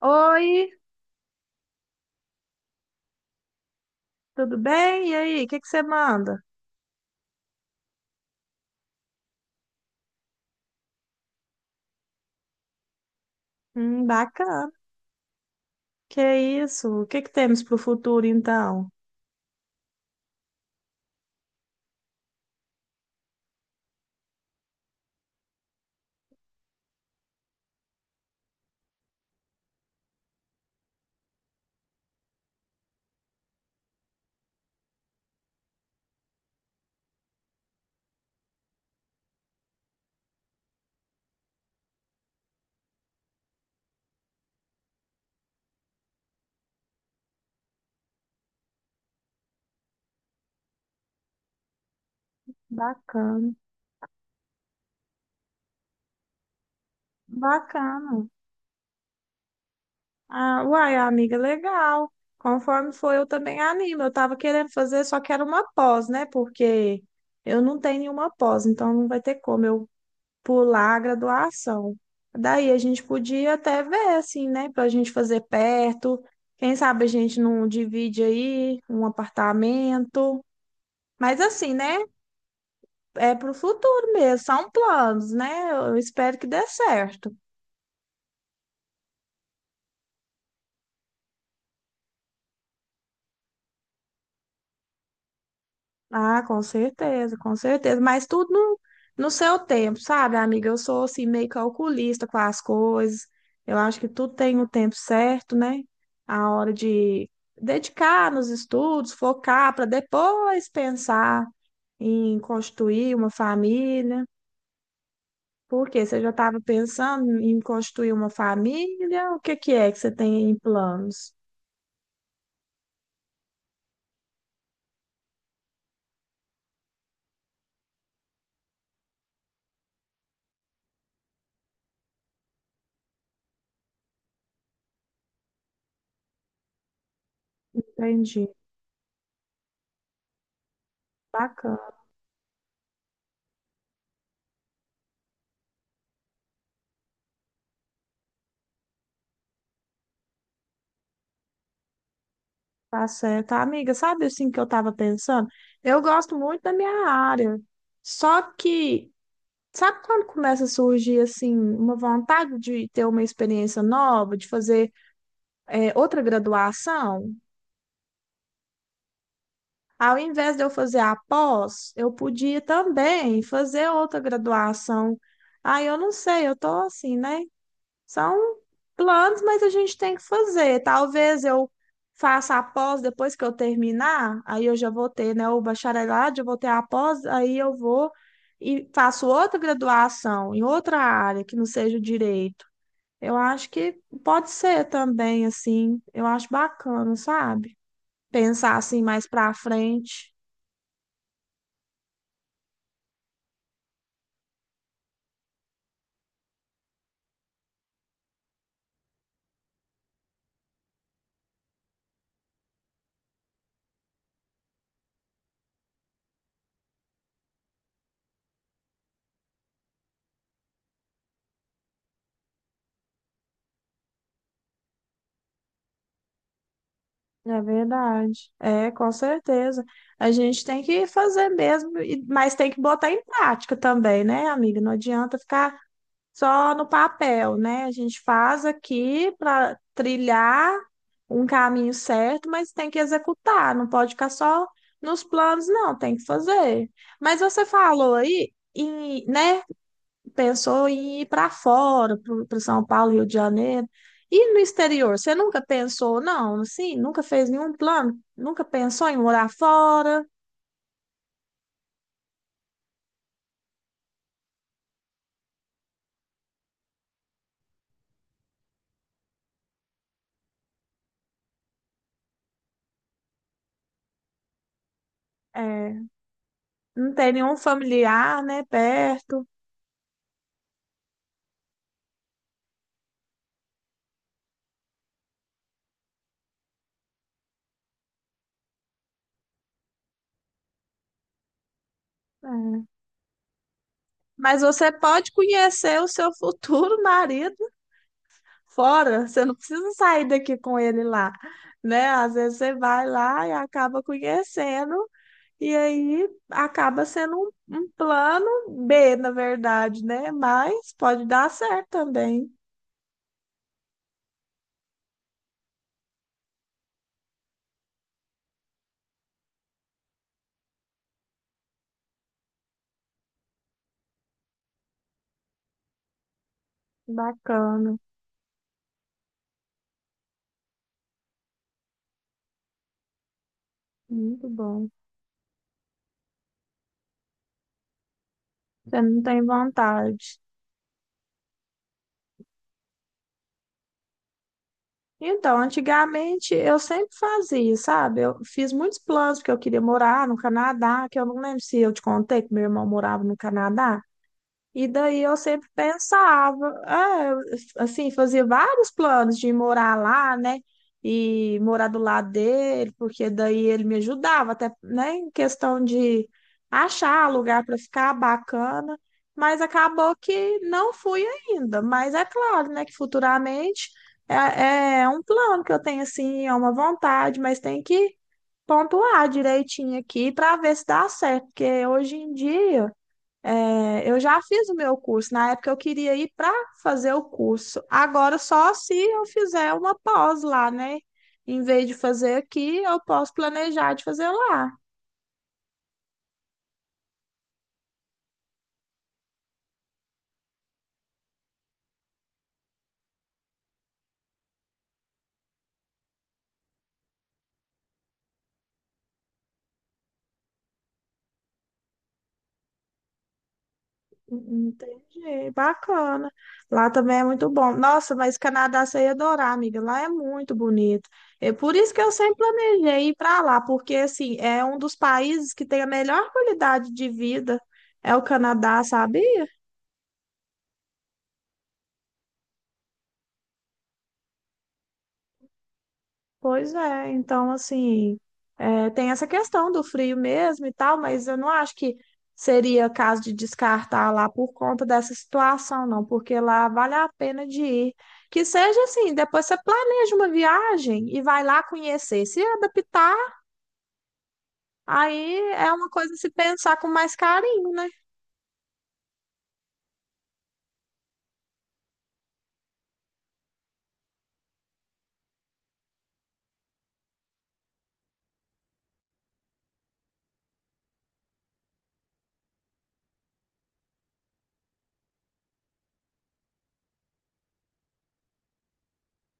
Oi, tudo bem? E aí, o que que você manda? Bacana. Que isso? O que que temos para o futuro, então? Bacana, bacana. Ah, uai, amiga, legal. Conforme foi, eu também animo. Eu estava querendo fazer, só que era uma pós, né? Porque eu não tenho nenhuma pós, então não vai ter como eu pular a graduação. Daí a gente podia até ver, assim, né? Para a gente fazer perto. Quem sabe a gente não divide aí um apartamento. Mas assim, né? É pro futuro mesmo, são planos, né? Eu espero que dê certo. Ah, com certeza, com certeza. Mas tudo no seu tempo, sabe, amiga? Eu sou assim, meio calculista com as coisas. Eu acho que tudo tem o tempo certo, né? A hora de dedicar nos estudos, focar para depois pensar em constituir uma família. Por quê? Você já estava pensando em constituir uma família? O que que é que você tem em planos? Entendi. Bacana, tá certo. Amiga, sabe assim que eu tava pensando? Eu gosto muito da minha área. Só que, sabe quando começa a surgir assim uma vontade de ter uma experiência nova, de fazer outra graduação? Ao invés de eu fazer a pós, eu podia também fazer outra graduação. Aí eu não sei, eu tô assim, né? São planos, mas a gente tem que fazer. Talvez eu faça a pós depois que eu terminar, aí eu já vou ter, né, o bacharelado, já vou ter a pós, aí eu vou e faço outra graduação em outra área que não seja o direito. Eu acho que pode ser também assim. Eu acho bacana, sabe? Pensar assim mais pra frente. É verdade. É, com certeza. A gente tem que fazer mesmo, mas tem que botar em prática também, né, amiga? Não adianta ficar só no papel, né? A gente faz aqui para trilhar um caminho certo, mas tem que executar, não pode ficar só nos planos, não, tem que fazer. Mas você falou aí, em, né? Pensou em ir para fora, para São Paulo, Rio de Janeiro. E no exterior, você nunca pensou, não, assim, nunca fez nenhum plano, nunca pensou em morar fora, é, não tem nenhum familiar, né, perto. É. Mas você pode conhecer o seu futuro marido fora, você não precisa sair daqui com ele lá, né? Às vezes você vai lá e acaba conhecendo. E aí acaba sendo um plano B, na verdade, né? Mas pode dar certo também. Bacana, muito bom. Você não tem vontade. Então, antigamente eu sempre fazia, sabe? Eu fiz muitos planos porque eu queria morar no Canadá, que eu não lembro se eu te contei que meu irmão morava no Canadá. E daí eu sempre pensava, ah, assim, fazia vários planos de morar lá, né? E morar do lado dele, porque daí ele me ajudava, até, né, em questão de achar lugar para ficar bacana, mas acabou que não fui ainda. Mas é claro, né, que futuramente é um plano que eu tenho, assim, é uma vontade, mas tem que pontuar direitinho aqui para ver se dá certo, porque hoje em dia. É, eu já fiz o meu curso. Na época eu queria ir para fazer o curso. Agora, só se eu fizer uma pós lá, né? Em vez de fazer aqui, eu posso planejar de fazer lá. Entendi, bacana. Lá também é muito bom. Nossa, mas Canadá você ia adorar, amiga. Lá é muito bonito. É por isso que eu sempre planejei ir para lá, porque assim, é um dos países que tem a melhor qualidade de vida. É o Canadá, sabia? Pois é, então assim, é, tem essa questão do frio mesmo e tal, mas eu não acho que seria caso de descartar lá por conta dessa situação, não, porque lá vale a pena de ir. Que seja assim, depois você planeja uma viagem e vai lá conhecer. Se adaptar, aí é uma coisa a se pensar com mais carinho, né?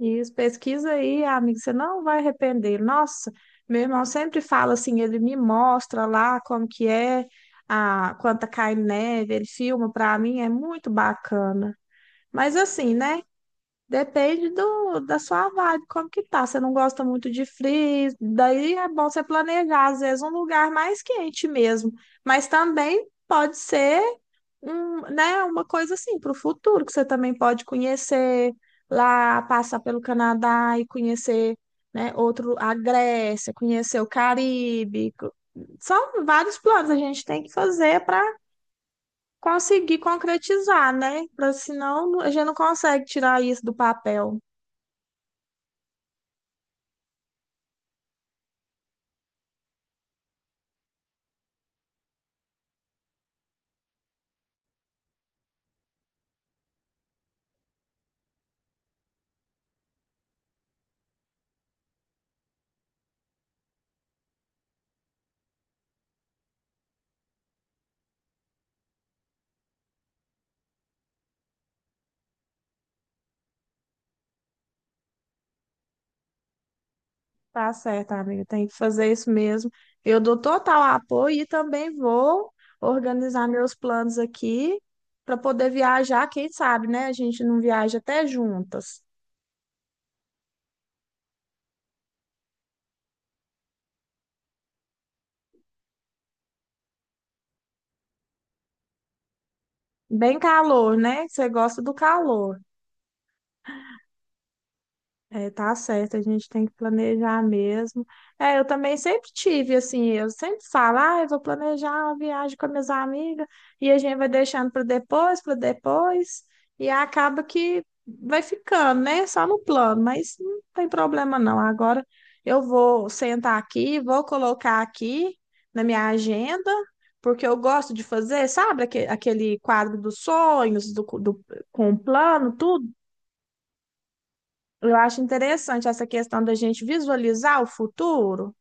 Isso, pesquisa aí, amigo, você não vai arrepender. Nossa, meu irmão sempre fala assim, ele me mostra lá como que é, a, quando tá caindo neve, ele filma pra mim, é muito bacana. Mas assim, né, depende da sua vibe, como que tá. Você não gosta muito de frio, daí é bom você planejar, às vezes, um lugar mais quente mesmo. Mas também pode ser né, uma coisa assim para o futuro, que você também pode conhecer lá, passar pelo Canadá e conhecer, né, outro, a Grécia, conhecer o Caribe. Co- São vários planos a gente tem que fazer para conseguir concretizar, né? Para senão a gente não consegue tirar isso do papel. Tá certo, amiga. Tem que fazer isso mesmo. Eu dou total apoio e também vou organizar meus planos aqui para poder viajar. Quem sabe, né? A gente não viaja até juntas. Bem calor, né? Você gosta do calor. É, tá certo, a gente tem que planejar mesmo. É, eu também sempre tive, assim, eu sempre falo, ah, eu vou planejar uma viagem com as minhas amigas, e a gente vai deixando para depois, e acaba que vai ficando, né? Só no plano, mas não tem problema não. Agora eu vou sentar aqui, vou colocar aqui na minha agenda, porque eu gosto de fazer, sabe, aquele quadro dos sonhos, com o plano, tudo. Eu acho interessante essa questão da gente visualizar o futuro.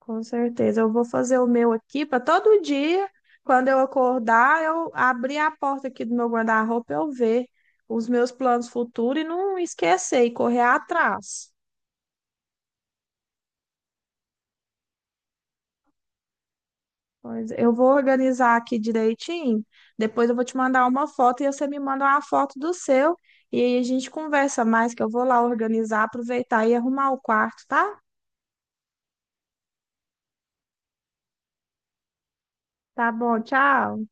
Com certeza, eu vou fazer o meu aqui para todo dia, quando eu acordar, eu abrir a porta aqui do meu guarda-roupa, eu ver os meus planos futuros e não esquecer e correr atrás. Pois eu vou organizar aqui direitinho, depois eu vou te mandar uma foto e você me manda uma foto do seu e aí a gente conversa mais, que eu vou lá organizar, aproveitar e arrumar o quarto, tá? Tá bom, tchau.